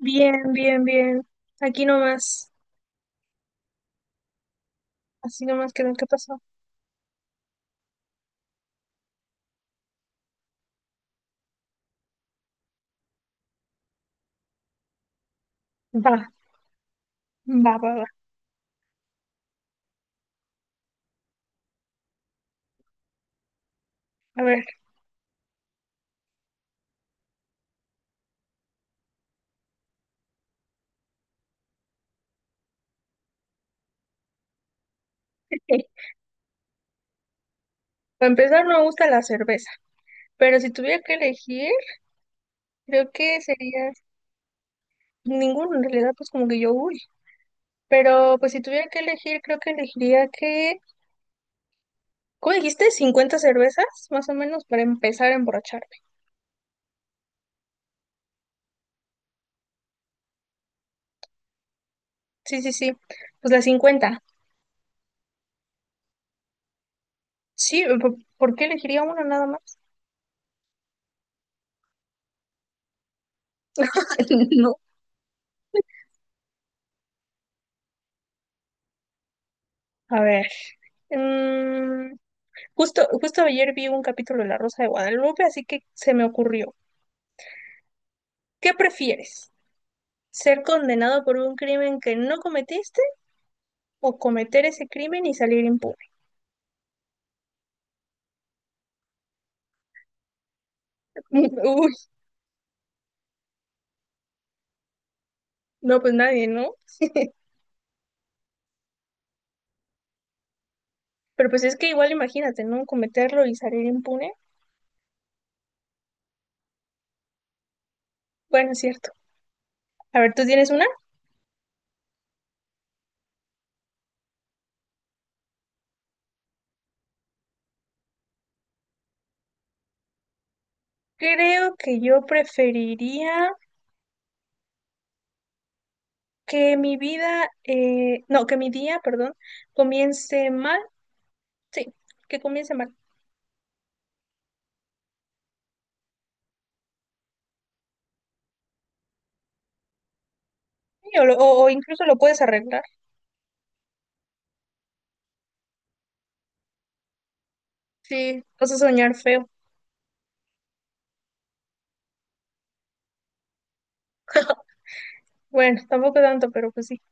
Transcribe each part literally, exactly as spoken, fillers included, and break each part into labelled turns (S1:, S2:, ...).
S1: Bien, bien, bien. Aquí nomás, así nomás quedó. ¿Qué pasó? Va, va, va, va. A ver, eh, para empezar no me gusta la cerveza, pero si tuviera que elegir, creo que sería ninguno. En realidad, pues como que yo, uy. Pero pues si tuviera que elegir, creo que elegiría que, ¿cómo dijiste? Cincuenta cervezas, más o menos, para empezar a emborracharme. Sí, sí, sí. Pues las cincuenta. Sí, ¿por por qué elegiría una nada más? No. A ver. mm, Justo, justo ayer vi un capítulo de La Rosa de Guadalupe, así que se me ocurrió. ¿Qué prefieres? ¿Ser condenado por un crimen que no cometiste o cometer ese crimen y salir impune? Uy, no, pues nadie, ¿no? Pero pues es que igual imagínate, ¿no? Cometerlo y salir impune. Bueno, es cierto. A ver, ¿tú tienes una? Creo que yo preferiría que mi vida, eh, no, que mi día, perdón, comience mal. Sí, que comience mal. Sí, O, lo- o o incluso lo puedes arreglar. Sí, vas a soñar feo. Bueno, tampoco tanto, pero pues sí.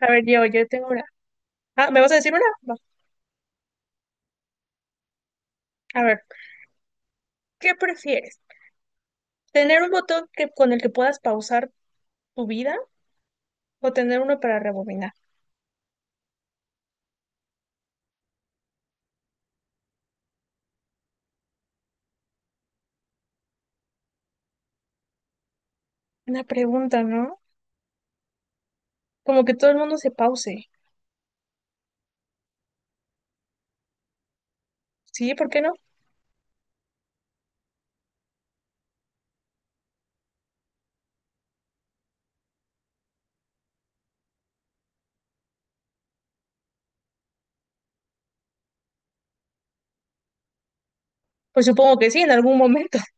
S1: A ver, yo, yo tengo una. Ah, ¿me vas a decir una? Va. A ver, ¿qué prefieres? ¿Tener un botón que, con el que puedas pausar tu vida o tener uno para rebobinar? Una pregunta, ¿no? Como que todo el mundo se pause. ¿Sí? ¿Por qué no? Pues supongo que sí, en algún momento.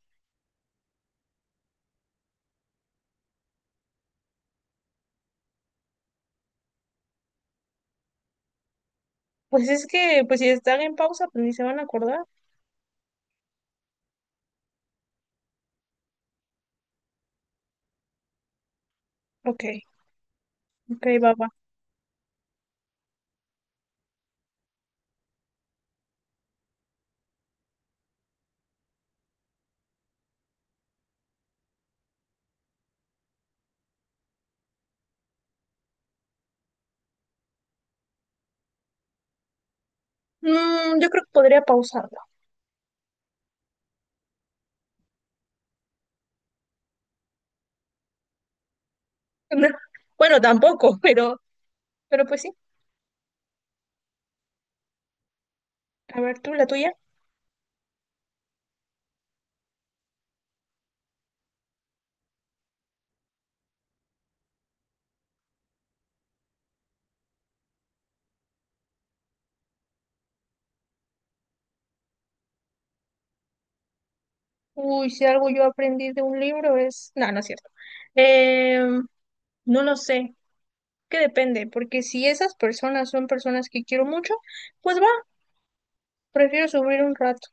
S1: Pues es que, pues si están en pausa, pues ni se van a acordar. Ok, ok, va, va. Mm, yo creo que podría pausarlo. Bueno, tampoco, pero, pero pues sí. A ver, tú, la tuya. Uy, si algo yo aprendí de un libro es. No, no es cierto. Em, no lo sé, que depende, porque si esas personas son personas que quiero mucho, pues va, prefiero subir un rato.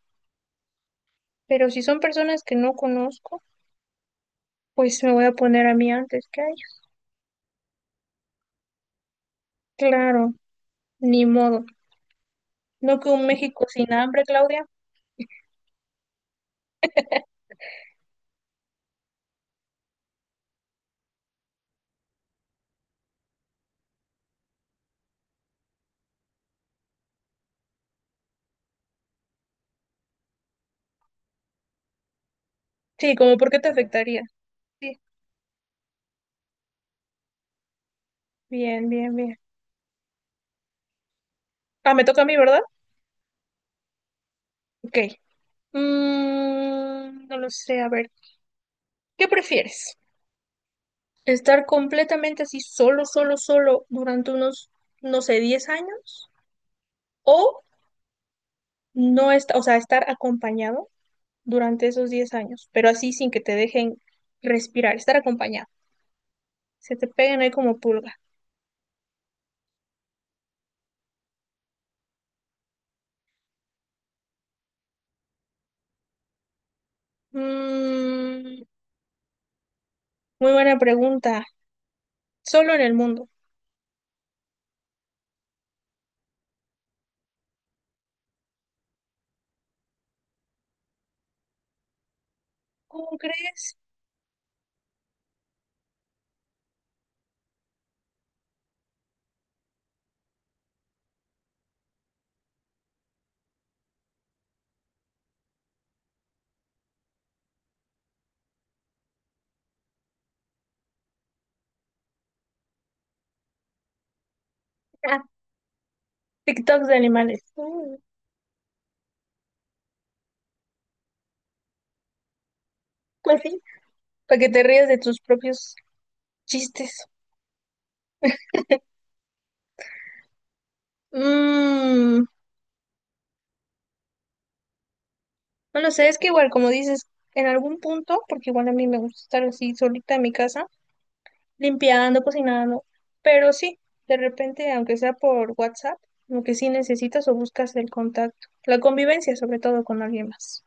S1: Pero si son personas que no conozco, pues me voy a poner a mí antes que a ellos. Claro, ni modo. No que un México sin hambre, Claudia. Sí, como por qué te afectaría. Sí, bien, bien, bien. Ah, me toca a mí, ¿verdad? Ok. Mm, no lo sé, a ver. ¿Qué prefieres? Estar completamente así solo, solo, solo durante unos, no sé, diez años o no estar, o sea, estar acompañado durante esos diez años, pero así sin que te dejen respirar, estar acompañado. Se te pegan ahí como pulga. Mm, Muy buena pregunta. Solo en el mundo. ¿Cómo crees? Ah, TikToks de animales. Mm, pues sí, para que te rías de tus propios chistes. Mm, No lo sé, es que igual, como dices, en algún punto, porque igual a mí me gusta estar así solita en mi casa, limpiando, cocinando, pero sí, de repente, aunque sea por WhatsApp, como que sí necesitas o buscas el contacto, la convivencia sobre todo con alguien más.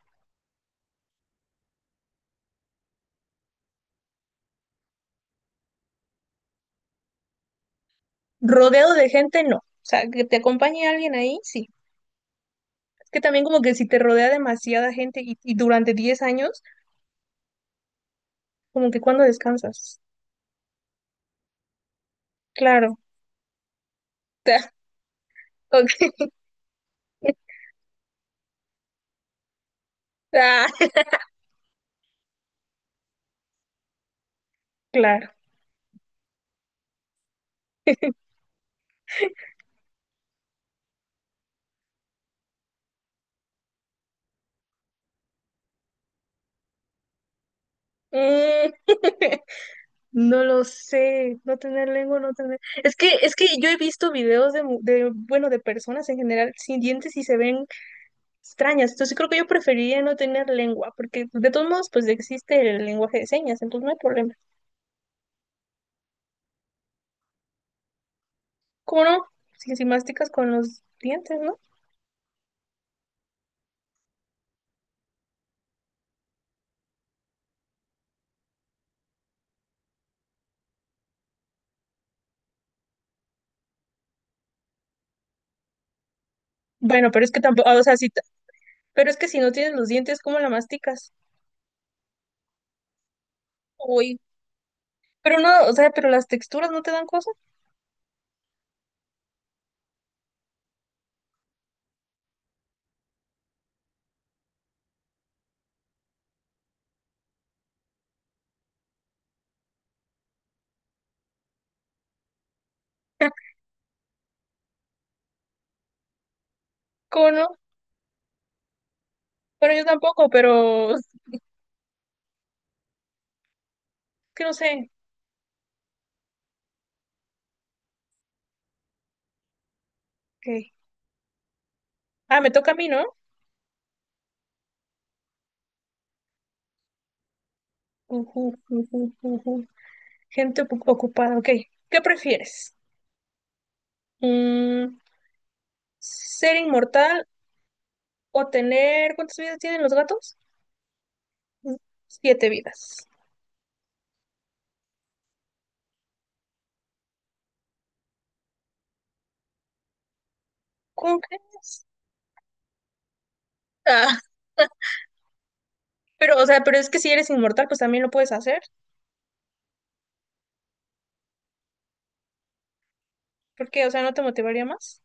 S1: Rodeado de gente, no. O sea, que te acompañe alguien ahí, sí. Es que también como que si te rodea demasiada gente y, y durante diez años, como que cuando descansas. Claro. Ok. Ah, claro. Mm. No lo sé, no tener lengua, no tener... Es que, es que yo he visto videos de, mu- de, bueno, de personas en general sin dientes y se ven extrañas. Entonces creo que yo preferiría no tener lengua, porque de todos modos, pues existe el lenguaje de señas, entonces no hay problema. ¿Cómo no? Si, si masticas con los dientes, ¿no? Bueno, pero es que tampoco, o sea, si, t- pero es que si no tienes los dientes, ¿cómo la masticas? Uy, pero no, o sea, pero las texturas no te dan cosas. ¿Cómo no? Bueno, yo tampoco, pero es que no sé. Ok. Ah, me toca a mí, ¿no? Ujú, ujú, ujú. Gente ocu- ocupada, ok. ¿Qué prefieres? Mm, ¿Ser inmortal o tener... ¿Cuántas vidas tienen los gatos? Mm, Siete vidas. ¿Cómo crees? Ah, pero, o sea, pero es que si eres inmortal, pues también lo puedes hacer. ¿Por qué? O sea, ¿no te motivaría más?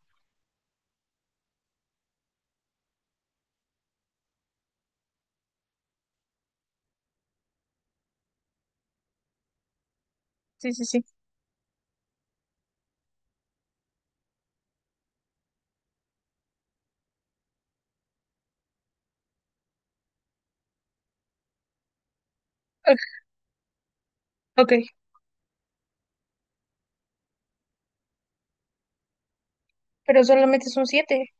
S1: Sí, sí, sí. Ah, ok, pero solamente son siete.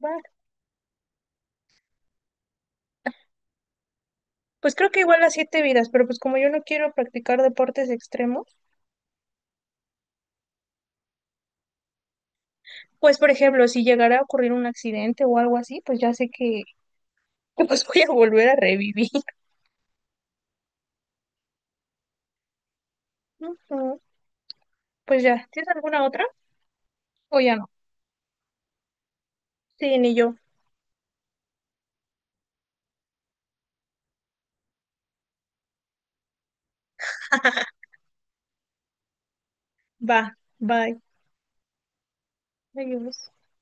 S1: Vale. Pues creo que igual las siete vidas, pero pues como yo no quiero practicar deportes extremos, pues por ejemplo, si llegara a ocurrir un accidente o algo así, pues ya sé que pues voy a volver a revivir. Ujú. Pues ya, ¿tienes alguna otra? O ya no. Sí, ni yo. Va, bye. Adiós.